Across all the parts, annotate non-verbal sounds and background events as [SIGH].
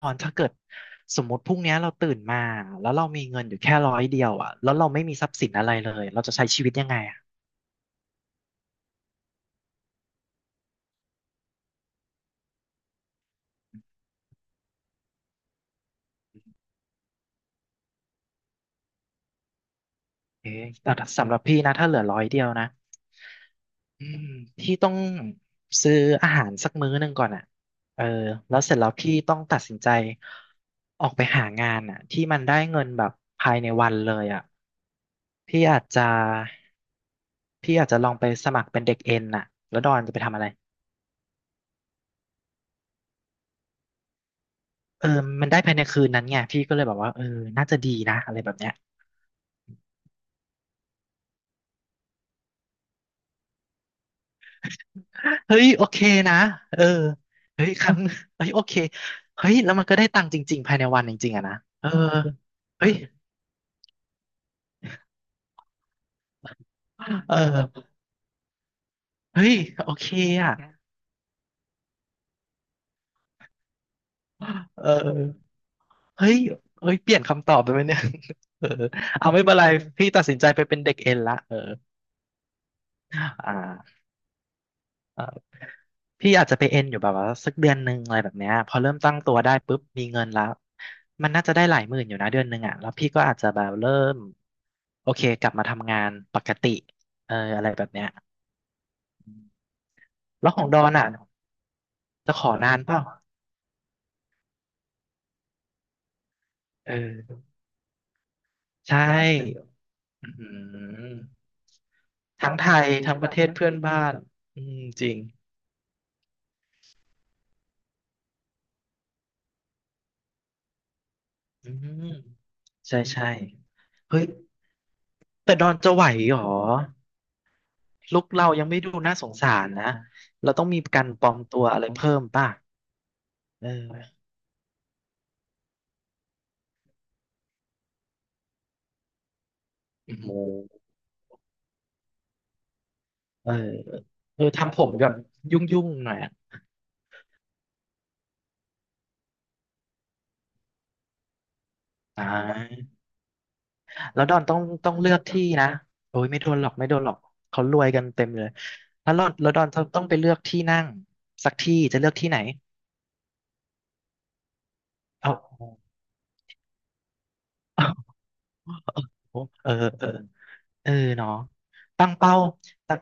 ตอนถ้าเกิดสมมติพรุ่งเนี้ยเราตื่นมาแล้วเรามีเงินอยู่แค่ร้อยเดียวอ่ะแล้วเราไม่มีทรัพย์สินอะไรเลยเราจะใช้ชีวิตยังไงอ่ะเอ๊ะแต่สำหรับพี่นะถ้าเหลือร้อยเดียวนะอืมพี่ต้องซื้ออาหารสักมื้อหนึ่งก่อนอ่ะเออแล้วเสร็จแล้วพี่ต้องตัดสินใจออกไปหางานอ่ะที่มันได้เงินแบบภายในวันเลยอ่ะพี่อาจจะพี่อาจจะลองไปสมัครเป็นเด็กเอ็นอ่ะแล้วดอนจะไปทำอะไร เออมันได้ภายในคืนนั้นไง พี่ก็เลยแบบว่าเออน่าจะดีนะอะไรแบบเนี้ยเฮ้ยโอเคนะเออเฮ้ยครั้งเฮ้ยโอเคเฮ้ยแล้วมันก็ได้ตังค์จริงๆภายในวันจริงๆอะนะเออเฮ้ยเออเฮ้ยโอเคอะเออเฮ้ยเฮ้ยเปลี่ยนคำตอบไปไหมเนี่ย [LAUGHS] เออเอาไม่เป็นไร พี่ตัดสินใจไปเป็นเด็กเอ็นละเอออ่า พี่อาจจะไปเอ็นอยู่แบบว่าสักเดือนหนึ่งอะไรแบบเนี้ยพอเริ่มตั้งตัวได้ปุ๊บมีเงินแล้วมันน่าจะได้หลายหมื่นอยู่นะเดือนหนึ่งอ่ะแล้วพี่ก็อาจจะแบบเริ่มโอเคกลับมาทำงานปกติเอออะไรแบบเนี้ยแล้วของดอนอ่ะจะขอนานเปล่าเออใช่อืมทั้งไทยทั้งประเทศเพื่อนบ้านอืมจริงอืมใช่ใช่เฮ้ยแต่ดอนจะไหวเหรอ ลุคเรายังไม่ดูน่าสงสารนะเราต้องมีการปลอมตัวอะไรเพิ่มป่ะเอออโมเออเออทำผมแบบยุ่งๆหน่อยอะอ่าแล้วดอนต้องเลือกที่นะโอ้ยไม่โดนหรอกไม่โดนหรอกเขารวยกันเต็มเลยแล้วดอนต้องไปเลือกที่นั่งสักที่จะเลือกที่ไหนเอาเอาเออเออเออเนาะตั้งเป้าตั้ง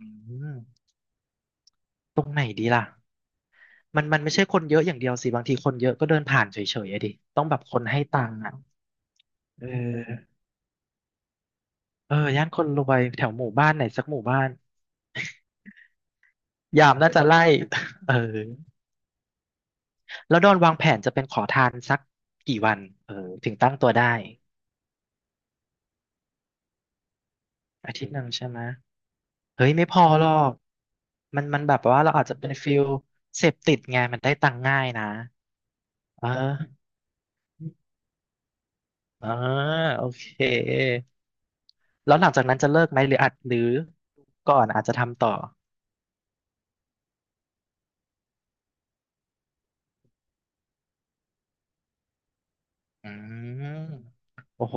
อืมตรงไหนดีล่ะ มันไม่ใช่คนเยอะอย่างเดียวสิบางทีคนเยอะก็เดินผ่านเฉยๆอะดิต้องแบบคนให้ตังค์อ่ะเออเออย่านคนรวยแถวหมู่บ้านไหนสักหมู่บ้านยามน่าจะไล่ [LAUGHS] เออแล้วดอนวางแผนจะเป็นขอทานสักกี่วันเออถึงตั้งตัวได้อาทิตย์หนึ่งใช่ไหมเฮ้ยไม่พอหรอกมันมันแบบว่าเราอาจจะเป็นฟิลเสพติดไงมันได้ตังค์ง่ายนะเออเออโอเคแล้วหลังจากนั้นจะเลิกไหมหรืออาจหรือก่อนอาจจะทำต่อ อืมโอ้โห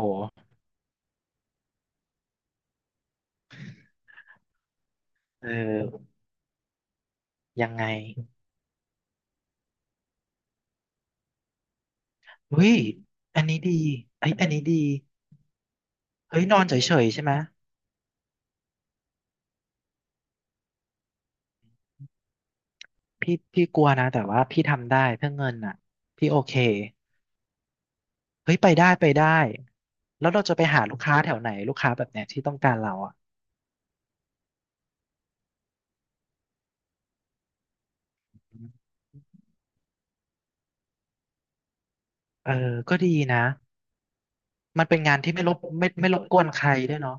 เออยังไงเฮ้ยอันนี้ดีเอ้ยอันนี้ดีเฮ้ยนอนเฉยๆใช่ไหมพี่พี่กลัวนะแต่ว่าพี่ทำได้เพื่อเงินอ่ะพี่โอเคเฮ้ยไปได้ไปได้แล้วเราจะไปหาลูกค้าแถวไหนลูกค้าแบบเนี้ยที่ต้องการเราอ่ะเออก็ดีนะมันเป็นงานที่ไม่รบกวนใครด้วยเนาะ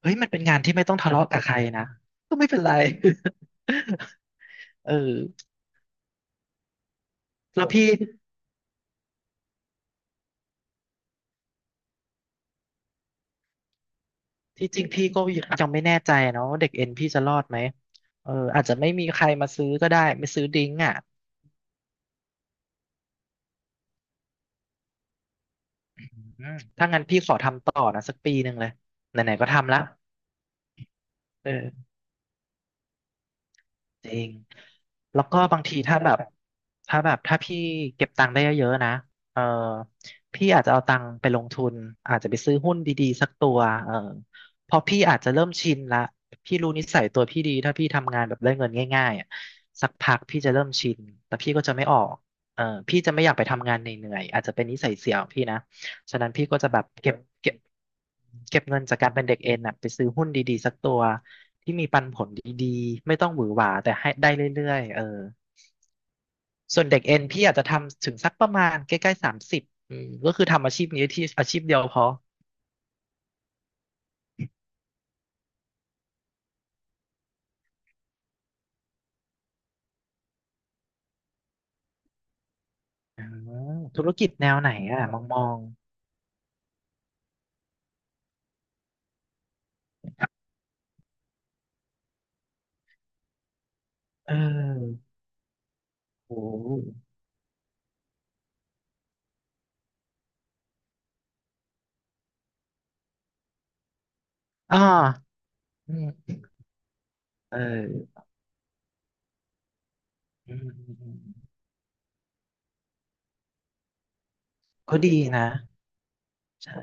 เฮ้ยมันเป็นงานที่ไม่ต้องทะเลาะกับใครนะก็ไม่เป็นไร [LAUGHS] เออแล้วพี่ ที่จริงพี่ก็ยังไม่แน่ใจนะว่าเด็กเอ็นพี่จะรอดไหมเอออาจจะไม่มีใครมาซื้อก็ได้ไม่ซื้อดิ้งอ่ะอืมถ้างั้นพี่ขอทำต่อนะสักปีหนึ่งเลยไหนๆก็ทำละเออ จริงแล้วก็บางทีถ้าแบบถ้าพี่เก็บตังค์ได้เยอะๆนะเออพี่อาจจะเอาตังค์ไปลงทุนอาจจะไปซื้อหุ้นดีๆสักตัวเออเพอพี่อาจจะเริ่มชินละพี่รู้นิสัยตัวพี่ดีถ้าพี่ทำงานแบบได้เงินง่ายๆอะสักพักพี่จะเริ่มชินแต่พี่ก็จะไม่ออกเออพี่จะไม่อยากไปทำงานเหนื่อยๆอาจจะเป็นนิสัยเสียของพี่นะ ฉะนั้นพี่ก็จะแบบเก็บเก็บเงินจากการเป็นเด็กเอ็นน่ะไปซื้อหุ้นดีๆสักตัวที่มีปันผลดีๆไม่ต้องหวือหวาแต่ให้ได้เรื่อยๆเออส่วนเด็กเอ็นพี่อาจจะทำถึงสักประมาณใกล้ๆ30อืมก็คือทำอาชีพนี้ที่อาชีพเดียวพออ๋อธุรกิจแนวไหนอ่ะมองมองเออโอ้อ่าอืมเอออืมอืมอืมก็ดีนะใช่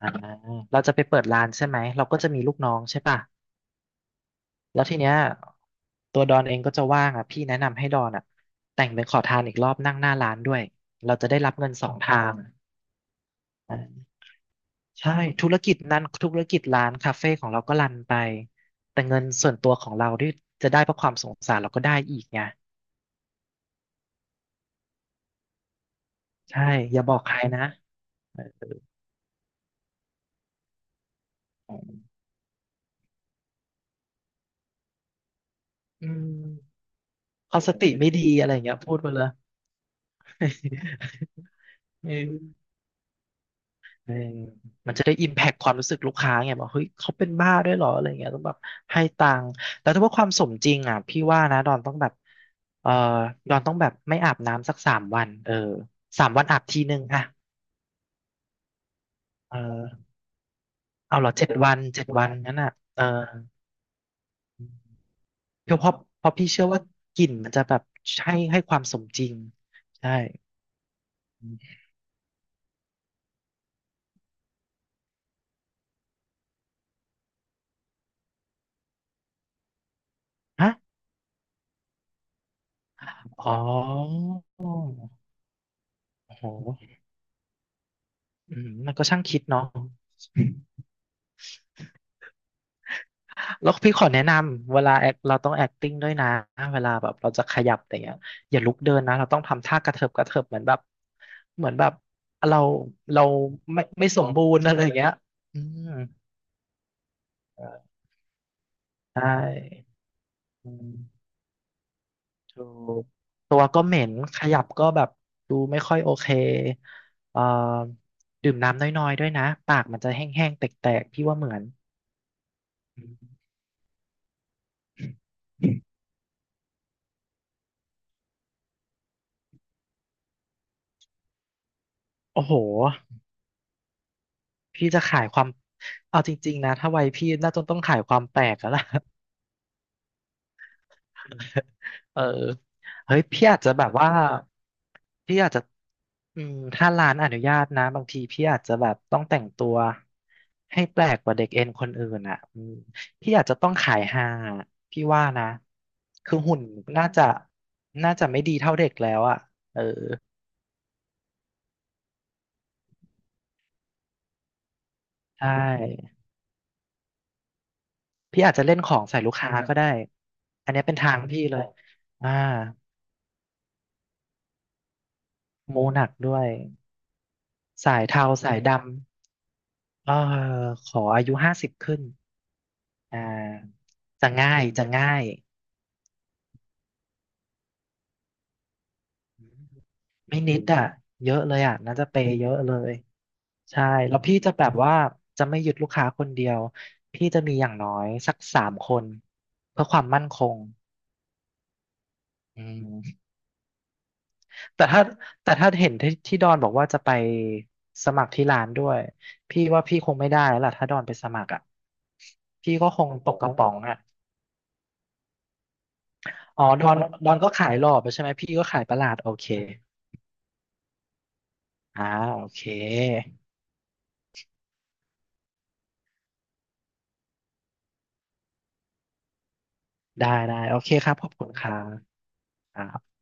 อ่าเราจะไปเปิดร้านใช่ไหมเราก็จะมีลูกน้องใช่ป่ะ แล้วทีเนี้ยตัวดอนเองก็จะว่างอ่ะพี่แนะนำให้ดอนอ่ะแต่งเป็นขอทานอีกรอบนั่งหน้าร้านด้วยเราจะได้รับเงินสองทางอ่าใช่ธุรกิจนั้นธุรกิจร้านคาเฟ่ของเราก็รันไปแต่เงินส่วนตัวของเราที่จะได้เพราะความสงสารเราก็ได้อีกไงใช่อย่าบอกใครนะเอออืมเขาสติไม่ดีอะไรอย่างเงี้ยพูดไปเลย [LAUGHS] เออ เออมันจะได้อิมแพคความรู้สึกลูกค้าไงบอกเฮ้ยเขาเป็นบ้าด้วยเหรออะไรเงี้ยต้องแบบให้ตังค์แต่ถ้าว่าความสมจริงอ่ะพี่ว่านะดอนต้องแบบเออดอนต้องแบบไม่อาบน้ำสักสามวันเออสามวันอาบทีนึงอ่ะเออเอาเหรอเจ็ดวันเจ็ดวันงั้นอ่ะเออเพราะเพราะพี่เชื่อว่ากลิ่นมันจะแบบให้ความสมจริงใช่ฮะอ๋อโอ้โหมันก็ช่างคิดเนาะ แล้วพี่ขอแนะนำเวลา act เราต้อง acting ด้วยนะเวลาแบบเราจะขยับอต่เงี้ยอย่าลุกเดินนะเราต้องทำท่ากระเถิบกระเถิบเหมือนแบบเหมือนแบบเราเราไม่สมบูรณ์อะไรอย่างเงี้ยอืมใช่อืมถูกตัวก็เหม็นขยับก็แบบดูไม่ค่อยโอเคเอ่อดื่มน้ำน้อยๆด้วยนะปากมันจะแห้งๆแตกๆพี่ว่าเหมือนโอ้โห พี่จะขายความเอาจริงๆนะถ้าวัยพี่น่าจะต้องขายความแปลกแล้วล่ะ [LAUGHS] เออเฮ้ยพี่อาจจะแบบว่าพี่อาจจะถ้าร้านอนุญาตนะบางทีพี่อาจจะแบบต้องแต่งตัวให้แปลกกว่าเด็กเอ็นคนอื่นอ่ะอืมพี่อาจจะต้องขายฮาพี่ว่านะคือหุ่นน่าจะน่าจะไม่ดีเท่าเด็กแล้วอ่ะเออใช่พี่อาจจะเล่นของใส่ลูกค้าก็ได้อันเนี้ยเป็นทางพี่เลยอ่า มูหนักด้วยสายเทาสายดำเออขออายุห้าสิบขึ้นอ่าจะง่ายจะง่ายไม่นิดอ่ะเยอะเลยอ่ะน่าจะเปย์เยอะเลยใช่แล้วพี่จะแบบว่าจะไม่ยึดลูกค้าคนเดียวพี่จะมีอย่างน้อยสักสามคนเพื่อความมั่นคงอืมแต่ถ้าแต่ถ้าเห็นที่ดอนบอกว่าจะไปสมัครที่ร้านด้วยพี่ว่าพี่คงไม่ได้แล้วล่ะถ้าดอนไปสมัครอ่ะพี่ก็คงตกกระป๋องอ่ะ อ๋อดอน ก็ขายหล่อไปใช่ไหม พี่ก็ขายประหลาดโอเคอ่าโอเค ได้ ได้ โอเคครับขอบคุณครับ